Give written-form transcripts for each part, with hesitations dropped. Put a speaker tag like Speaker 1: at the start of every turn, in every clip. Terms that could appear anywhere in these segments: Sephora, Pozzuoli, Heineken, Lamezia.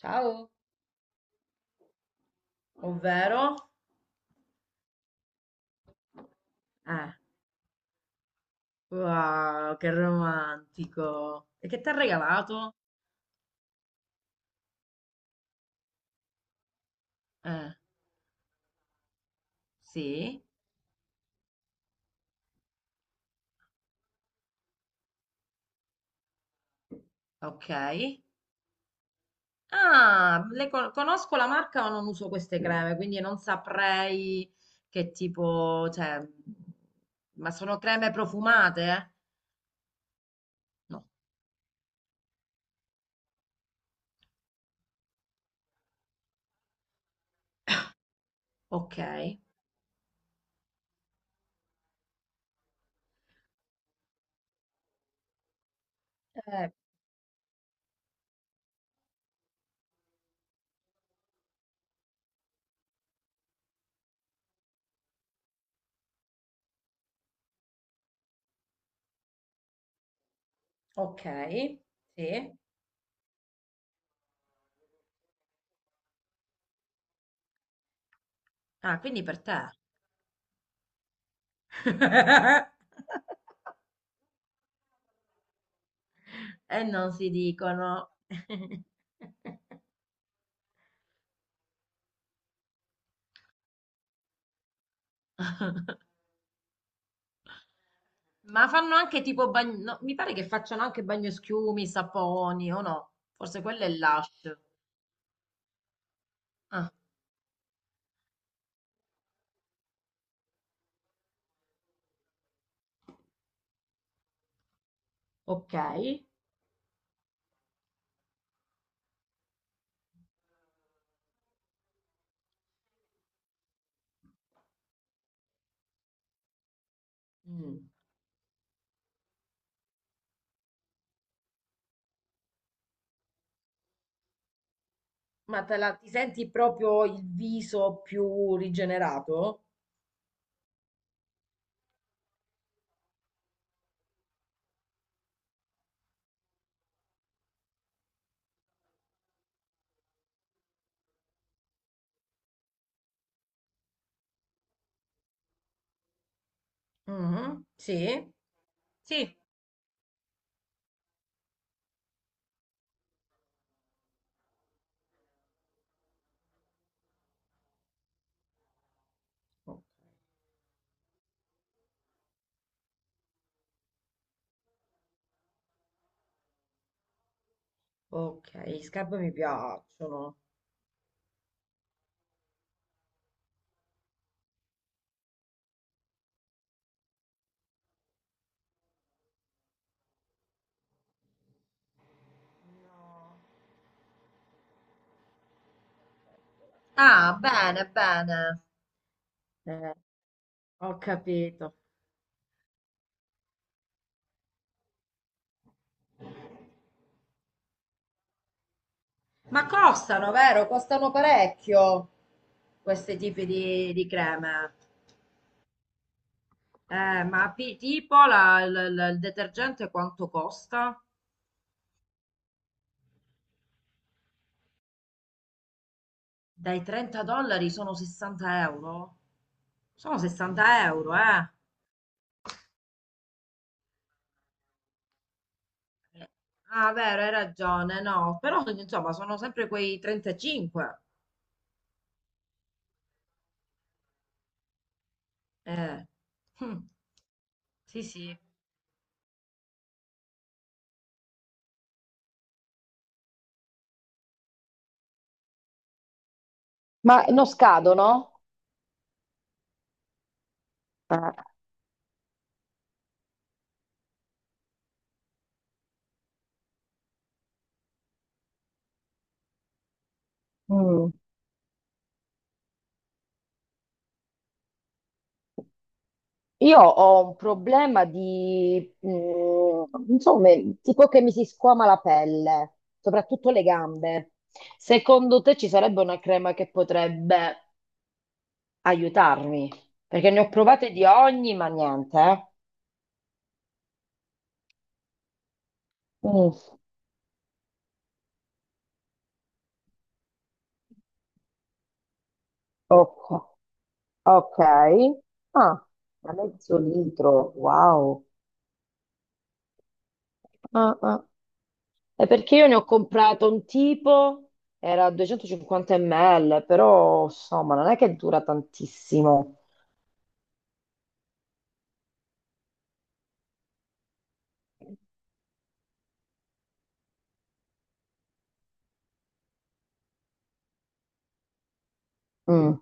Speaker 1: Ciao. Ovvero? Eh, wow, che romantico. E che ti ha regalato? Eh, sì, ok. Ah, le conosco la marca ma non uso queste creme, quindi non saprei che tipo, cioè, ma sono creme profumate? No, ok, ok. Sì, ah, quindi per te. E non si dicono. Ma fanno anche tipo bagno, no, mi pare che facciano anche bagnoschiumi, saponi o no? Forse quello è l'ash. Ah, ok. Mm. Ti senti proprio il viso più rigenerato? Mhm, sì. Sì, ok, ok, scarpe mi piacciono. No. Ah, bene, bene. Eh, ho capito. Ma costano, vero? Costano parecchio questi tipi di creme. Ma tipo il detergente quanto costa? Dai 30 dollari sono 60 euro? Sono 60 euro, eh? Ah, vero, hai ragione, no, però insomma sono sempre quei 35. Eh. Hm. Sì, sì. Ma non scadono? Eh. Mm. Io ho un problema di, insomma, tipo che mi si squama la pelle, soprattutto le gambe. Secondo te ci sarebbe una crema che potrebbe aiutarmi? Perché ne ho provate di ogni, ma niente. Eh. Mm, ok, ok. Ah, a mezzo litro, wow. Ah, ah. È perché io ne ho comprato un tipo, era 250 ml, però insomma non è che dura tantissimo. Mm.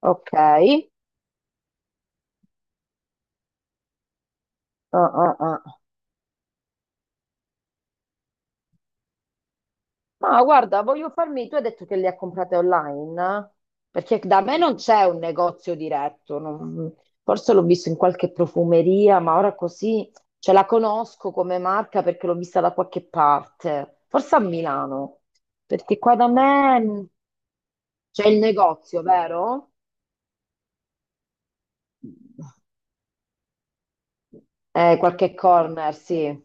Speaker 1: Ok. Ah, ah, ah. Ma guarda, voglio farmi, tu hai detto che le ha comprate online? Perché da me non c'è un negozio diretto, forse l'ho visto in qualche profumeria, ma ora così ce la conosco come marca perché l'ho vista da qualche parte, forse a Milano, perché qua da me c'è il negozio, vero? Qualche corner, sì.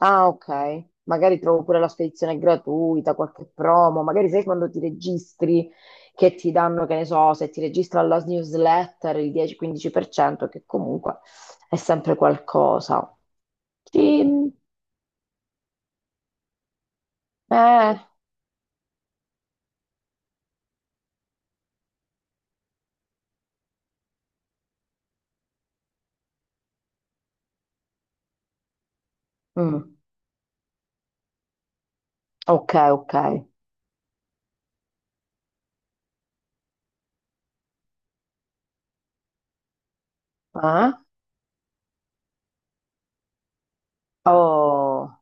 Speaker 1: Ah, ok. Magari trovo pure la spedizione gratuita, qualche promo. Magari sai, quando ti registri che ti danno, che ne so, se ti registri alla newsletter il 10-15%, che comunque è sempre qualcosa. Sì, eh, mm, ok, ok. Eh? Oh,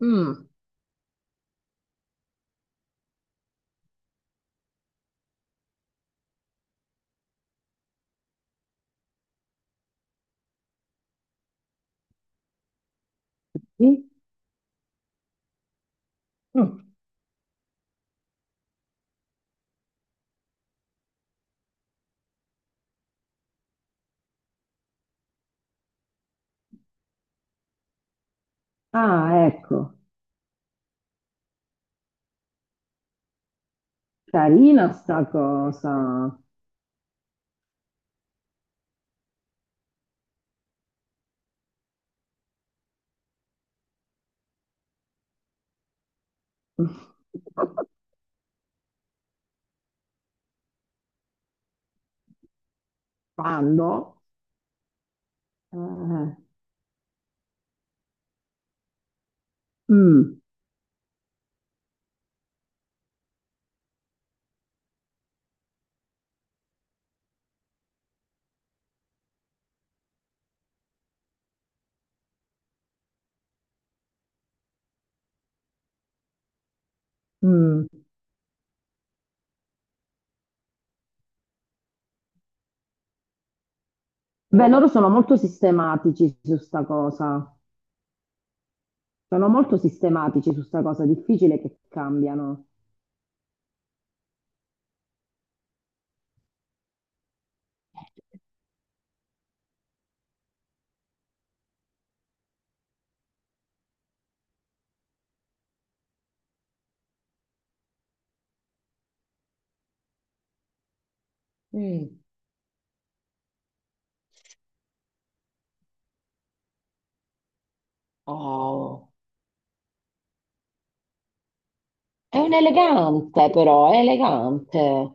Speaker 1: mm, sì? Mm. Ah, ecco, carina sta cosa. Quando? Eh, mm. Mm. Beh, loro sono molto sistematici su sta cosa. Sono molto sistematici su sta cosa. Difficile che cambiano. Mm. Oh, è un elegante però, è elegante.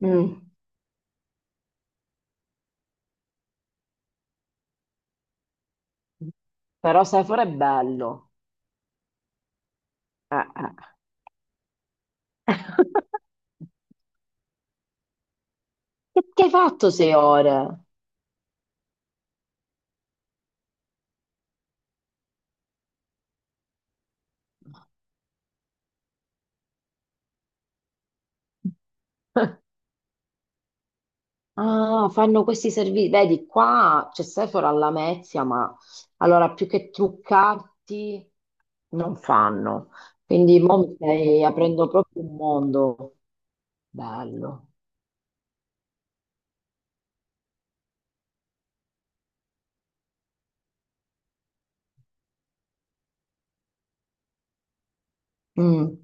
Speaker 1: Mm. Però Sefor è bello. Eh. Che ti hai fatto 6 ore? Ah, fanno questi servizi. Vedi, qua c'è Sephora alla Lamezia, ma allora più che truccarti non fanno. Quindi mo mi stai aprendo proprio un mondo bello. Mm.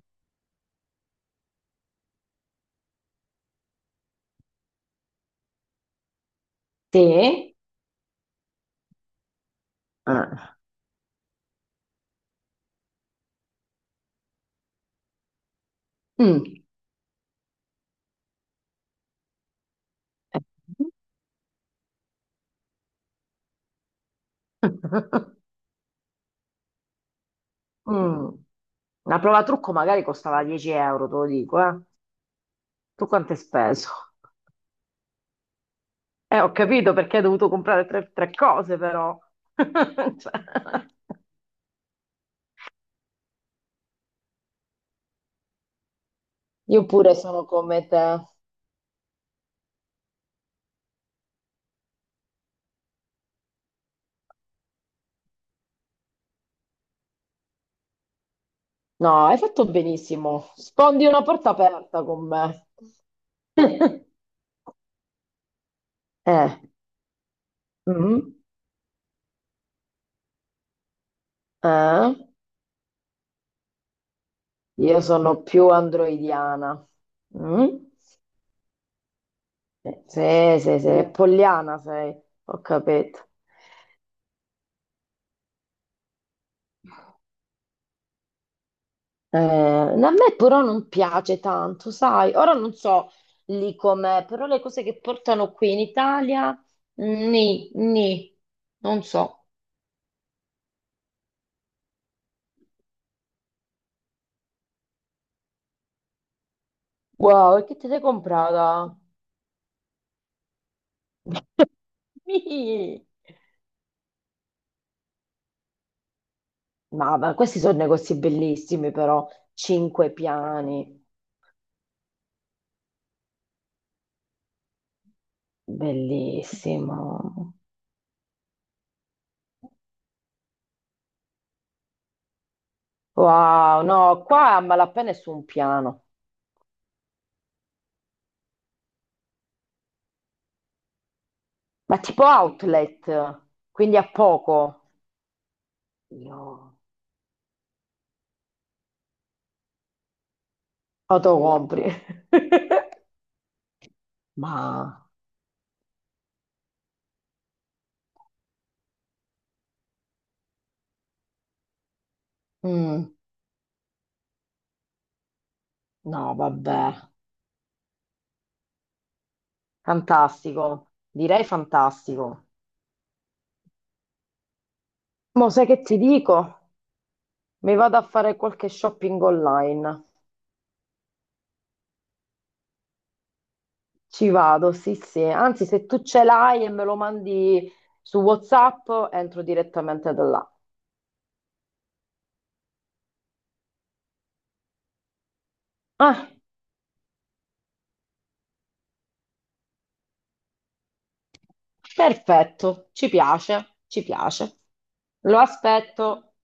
Speaker 1: Te? Ah. Mm. Mm. Una prova trucco magari costava 10 euro, te lo dico, eh. Tu quanto hai speso? Ho capito, perché hai dovuto comprare tre, tre cose, però. Cioè, io pure sono come te. No, hai fatto benissimo. Spondi una porta aperta con me. Eh. Mm, eh. Io sono più androidiana. Mm? Sì, sì, sì, polliana sei, ho capito. A me però non piace tanto, sai? Ora non so lì com'è, però le cose che portano qui in Italia, ni, ni, non so. Wow, e che te sei comprata? Ni. Ma questi sono negozi bellissimi però, 5 piani, bellissimo. Wow, no, qua a malapena è su un piano, ma tipo outlet, quindi a poco. Io autocompri. Ma mm, no, vabbè, fantastico, direi fantastico. Mo sai che ti dico? Mi vado a fare qualche shopping online. Ci vado, sì, sì. Anzi, se tu ce l'hai e me lo mandi su WhatsApp, entro direttamente da là. Ah, perfetto, ci piace, ci piace. Lo aspetto.